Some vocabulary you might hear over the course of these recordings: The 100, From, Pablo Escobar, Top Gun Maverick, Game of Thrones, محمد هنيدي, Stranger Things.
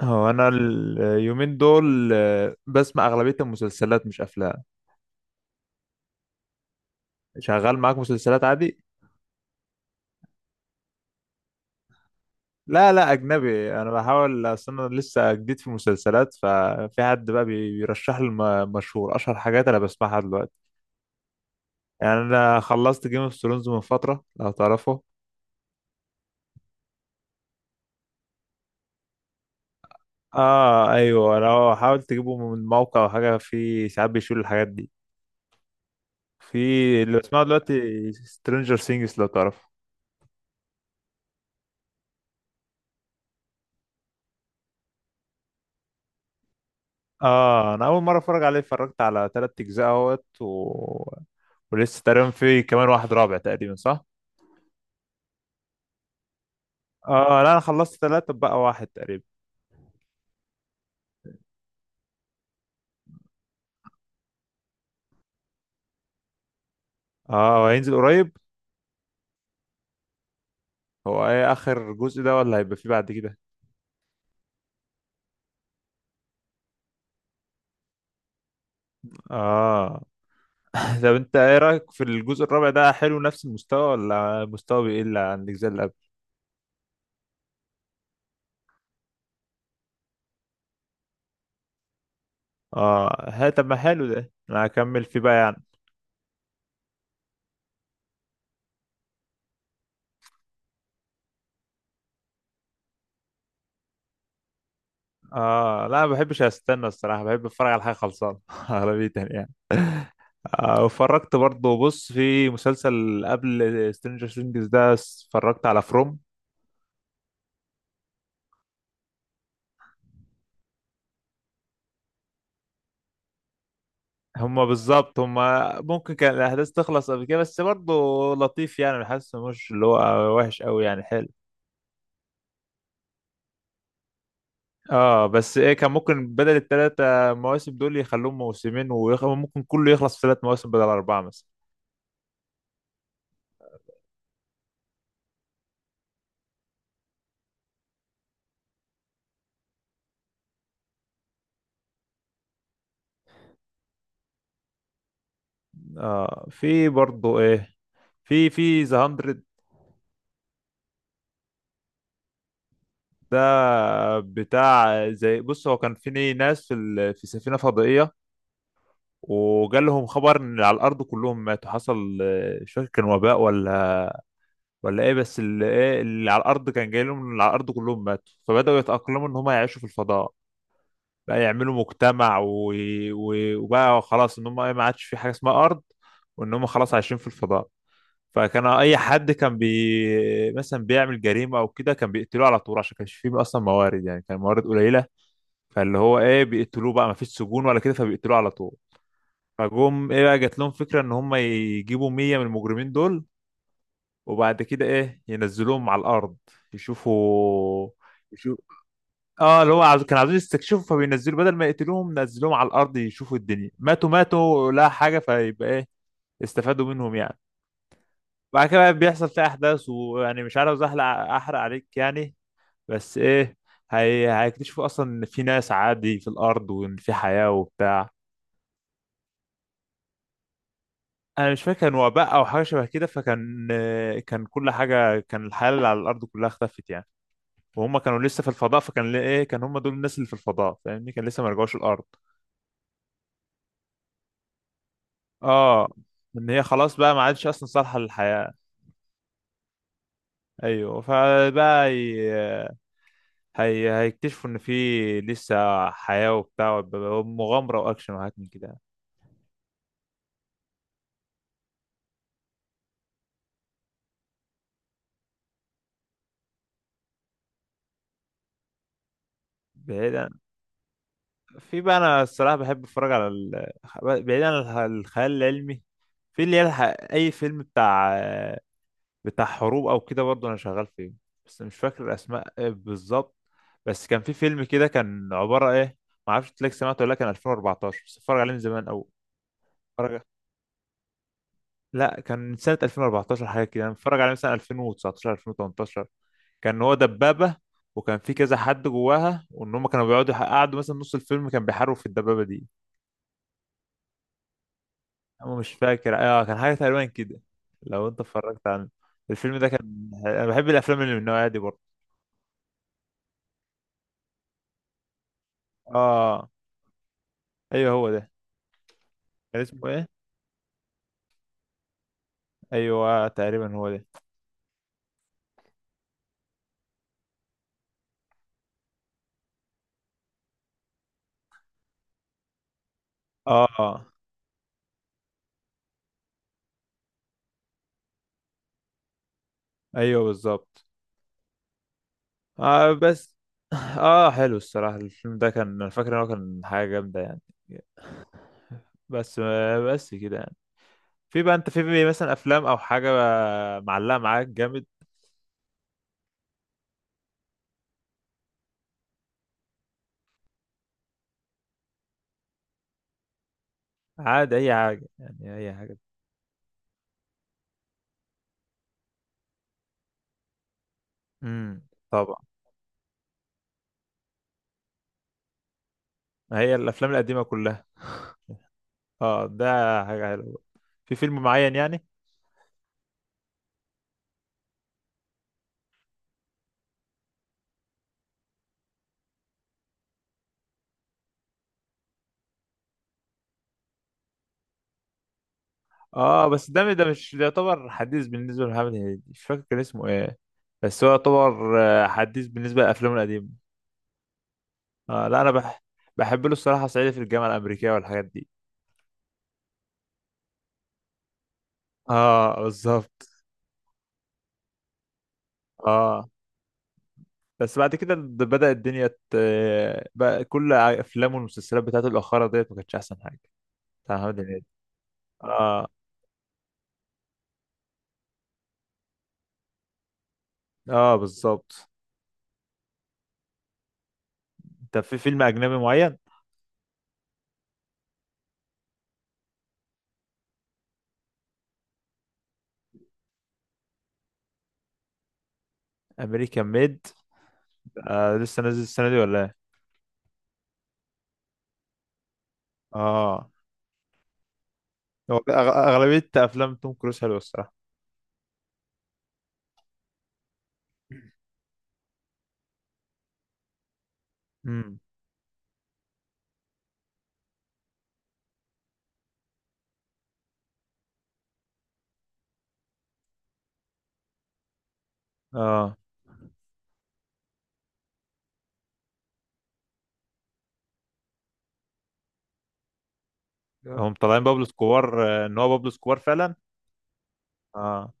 هو انا اليومين دول بسمع اغلبيه المسلسلات مش افلام. شغال معاك مسلسلات عادي. لا لا اجنبي، انا بحاول، اصل انا لسه جديد في المسلسلات، ففي حد بقى بيرشح لي مشهور اشهر حاجات انا بسمعها دلوقتي. يعني انا خلصت جيم اوف ثرونز من فتره لو تعرفه. اه ايوه، انا حاولت اجيبه من موقع او حاجه، في ساعات بيشيل الحاجات دي. في اللي بسمعه دلوقتي سترينجر سينجز لو تعرفه. اه انا اول مره اتفرج عليه، اتفرجت على تلات اجزاء اهوت ولسه تقريبا في كمان واحد رابع تقريبا صح. اه لا انا خلصت تلاتة، بقى واحد تقريبا. اه وهينزل قريب. هو ايه اخر جزء ده ولا هيبقى فيه بعد كده؟ اه طب انت ايه رايك في الجزء الرابع ده؟ حلو نفس المستوى ولا مستوى بيقل عن الاجزاء اللي قبل؟ اه ها، طب ما حلو ده، انا هكمل فيه بقى يعني. اه لا ما بحبش استنى الصراحه، بحب اتفرج على حاجه خلصانه اغلبيه يعني. واتفرجت برضه، بص، في مسلسل قبل سترينجر ثينجز ده، اتفرجت على فروم. هما بالظبط، هما ممكن كان الأحداث تخلص قبل كده، بس برضه لطيف يعني، حاسس مش اللي هو وحش قوي يعني، حلو. اه بس ايه، كان ممكن بدل الثلاثة مواسم دول يخلوهم موسمين، وممكن كله يخلص في ثلاث مواسم بدل أربعة مثلا. اه في برضه ايه، في ذا 100. ده بتاع، زي بص، هو كان في ناس في في سفينة فضائية، وجالهم خبر ان اللي على الارض كلهم ماتوا. حصل مش فاكر كان وباء ولا ايه، بس اللي ايه اللي على الارض كان جاي لهم ان اللي على الارض كلهم ماتوا، فبداوا يتاقلموا ان هم يعيشوا في الفضاء، بقى يعملوا مجتمع وبقى خلاص ان هم ايه، ما عادش في حاجه اسمها ارض، وان هم خلاص عايشين في الفضاء. فكان اي حد كان بي مثلا بيعمل جريمه او كده كان بيقتلوه على طول، عشان كانش فيه اصلا موارد يعني، كان موارد قليله، فاللي هو ايه بيقتلوه، بقى ما فيش سجون ولا كده فبيقتلوه على طول. فجم ايه بقى، جات لهم فكرة ان هم يجيبوا 100 من المجرمين دول، وبعد كده ايه ينزلوهم على الارض يشوفوا. يشوف، اه اللي هو كان عاوزين يستكشفوا، فبينزلوا بدل ما يقتلوهم نزلوهم على الارض يشوفوا الدنيا. ماتوا ماتوا لا حاجة، فيبقى ايه، استفادوا منهم يعني. بعد كده بقى بيحصل في احداث، ويعني مش عاوز احرق عليك يعني، بس ايه، هيكتشفوا اصلا ان في ناس عادي في الارض، وان في حياة وبتاع. انا مش فاكر، كان وباء او حاجه شبه كده، فكان كان كل حاجه، كان الحياه اللي على الارض كلها اختفت يعني، وهم كانوا لسه في الفضاء، فكان ايه كان هم دول الناس اللي في الفضاء، فاهمني، كان لسه ما رجعوش الارض. اه ان هي خلاص بقى ما عادش اصلا صالحه للحياه. ايوه فبقى هيكتشفوا ان في لسه حياه وبتاع ومغامره واكشن وحاجات من كده. بعيدا، في بقى انا الصراحه بحب اتفرج على بعيدا عن الخيال العلمي. في اللي هي اي فيلم بتاع، بتاع حروب او كده برضه انا شغال فيه، بس مش فاكر الاسماء إيه بالظبط. بس كان في فيلم كده، كان عباره ايه، ما اعرفش تلاقي سمعته ولا لا، كان 2014، بس اتفرج عليه من زمان، او اتفرج، لا كان من سنه 2014 حاجه كده، انا متفرج عليه مثلا 2019 2018. كان هو دبابه، وكان في كذا حد جواها، وان هم كانوا قعدوا مثلا نص الفيلم كان بيحاربوا في الدبابه دي. انا مش فاكر، اه كان حاجه تقريبا كده، لو انت اتفرجت عنه. الفيلم ده كان، انا بحب الافلام اللي من النوعيه دي برضه. اه ايوه هو ده. كان اسمه ايه؟ ايوه تقريبا هو ده. اه ايوه بالظبط. آه بس، اه حلو الصراحه، الفيلم ده كان، انا فاكر ان هو كان حاجه جامده يعني. بس بس كده يعني. في بقى انت، في بقى مثلا افلام او حاجه معلقه معاك جامد؟ عادي اي حاجه يعني، اي حاجه. امم طبعا. هي الافلام القديمه كلها. اه ده حاجه حلوه. في فيلم معين يعني؟ اه بس ده، ده مش، ده يعتبر حديث بالنسبه لمحمد هنيدي، مش فاكر كان اسمه ايه، بس هو يعتبر حديث بالنسبه لافلامه القديمه. آه لا انا بحب له الصراحه صعيدي في الجامعه الامريكيه والحاجات دي. اه بالظبط. اه بس بعد كده بدأ الدنيا بقى كل افلامه والمسلسلات بتاعته الاخيره ديت ما كانتش احسن حاجه، بتاع محمد هنيدي. اه. اه بالظبط. انت في فيلم اجنبي معين؟ امريكان ميد. آه لسه نازل السنه دي ولا ايه؟ اه هو اغلبيه افلام توم كروز حلوه الصراحه. امم. اه هم طالعين بابلو سكوار. ان هو بابلو سكوار فعلا. اه.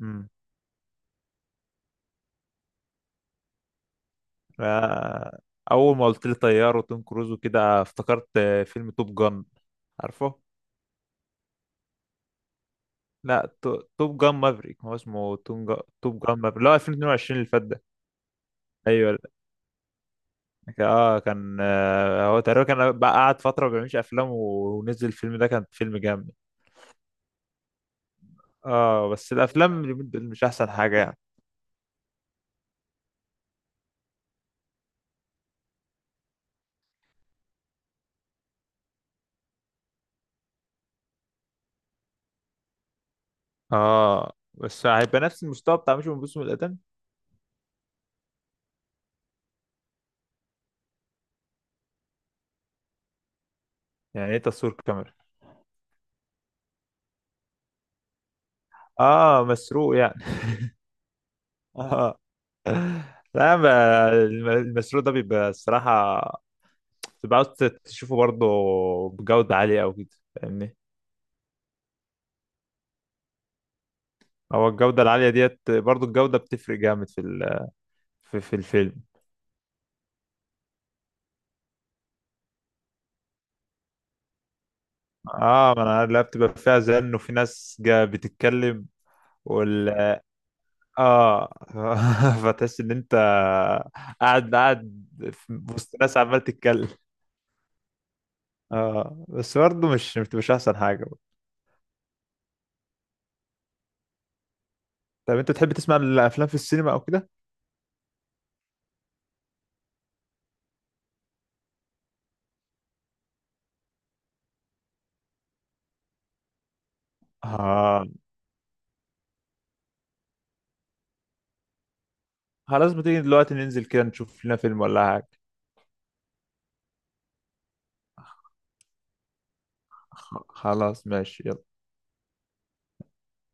امم. آه. اول ما قلت لي طيار وتوم كروز وكده، افتكرت فيلم توب جان. عارفه؟ لا توب جان مافريك، هو اسمه توب جان مافريك، لا 2022 اللي فات ده. ايوه اه كان آه، هو تقريبا كان بقى قعد فتره ما بيعملش افلام ونزل الفيلم ده، كان فيلم جامد. اه بس الافلام اللي من دول مش احسن حاجه يعني. اه بس هيبقى نفس المستوى بتاع مش من القدم؟ يعني ايه تصوير كاميرا؟ اه مسروق يعني. اه لا المسروق ده بيبقى الصراحة، بتبقى عاوز تشوفه برضه بجودة عالية أو كده، فاهمني. هو الجودة العالية ديت برضه، الجودة بتفرق جامد في في الفيلم. اه ما انا عارف، لا بتبقى فيها زن وفي ناس جا بتتكلم، وال اه. فتحس ان انت قاعد قاعد في وسط ناس عمال تتكلم. اه بس برضه مش احسن حاجة. طب انت تحب تسمع الافلام في السينما او كده؟ ها خلاص، ما تيجي دلوقتي ننزل كده نشوف لنا فيلم ولا حاجه. خلاص ماشي يلا.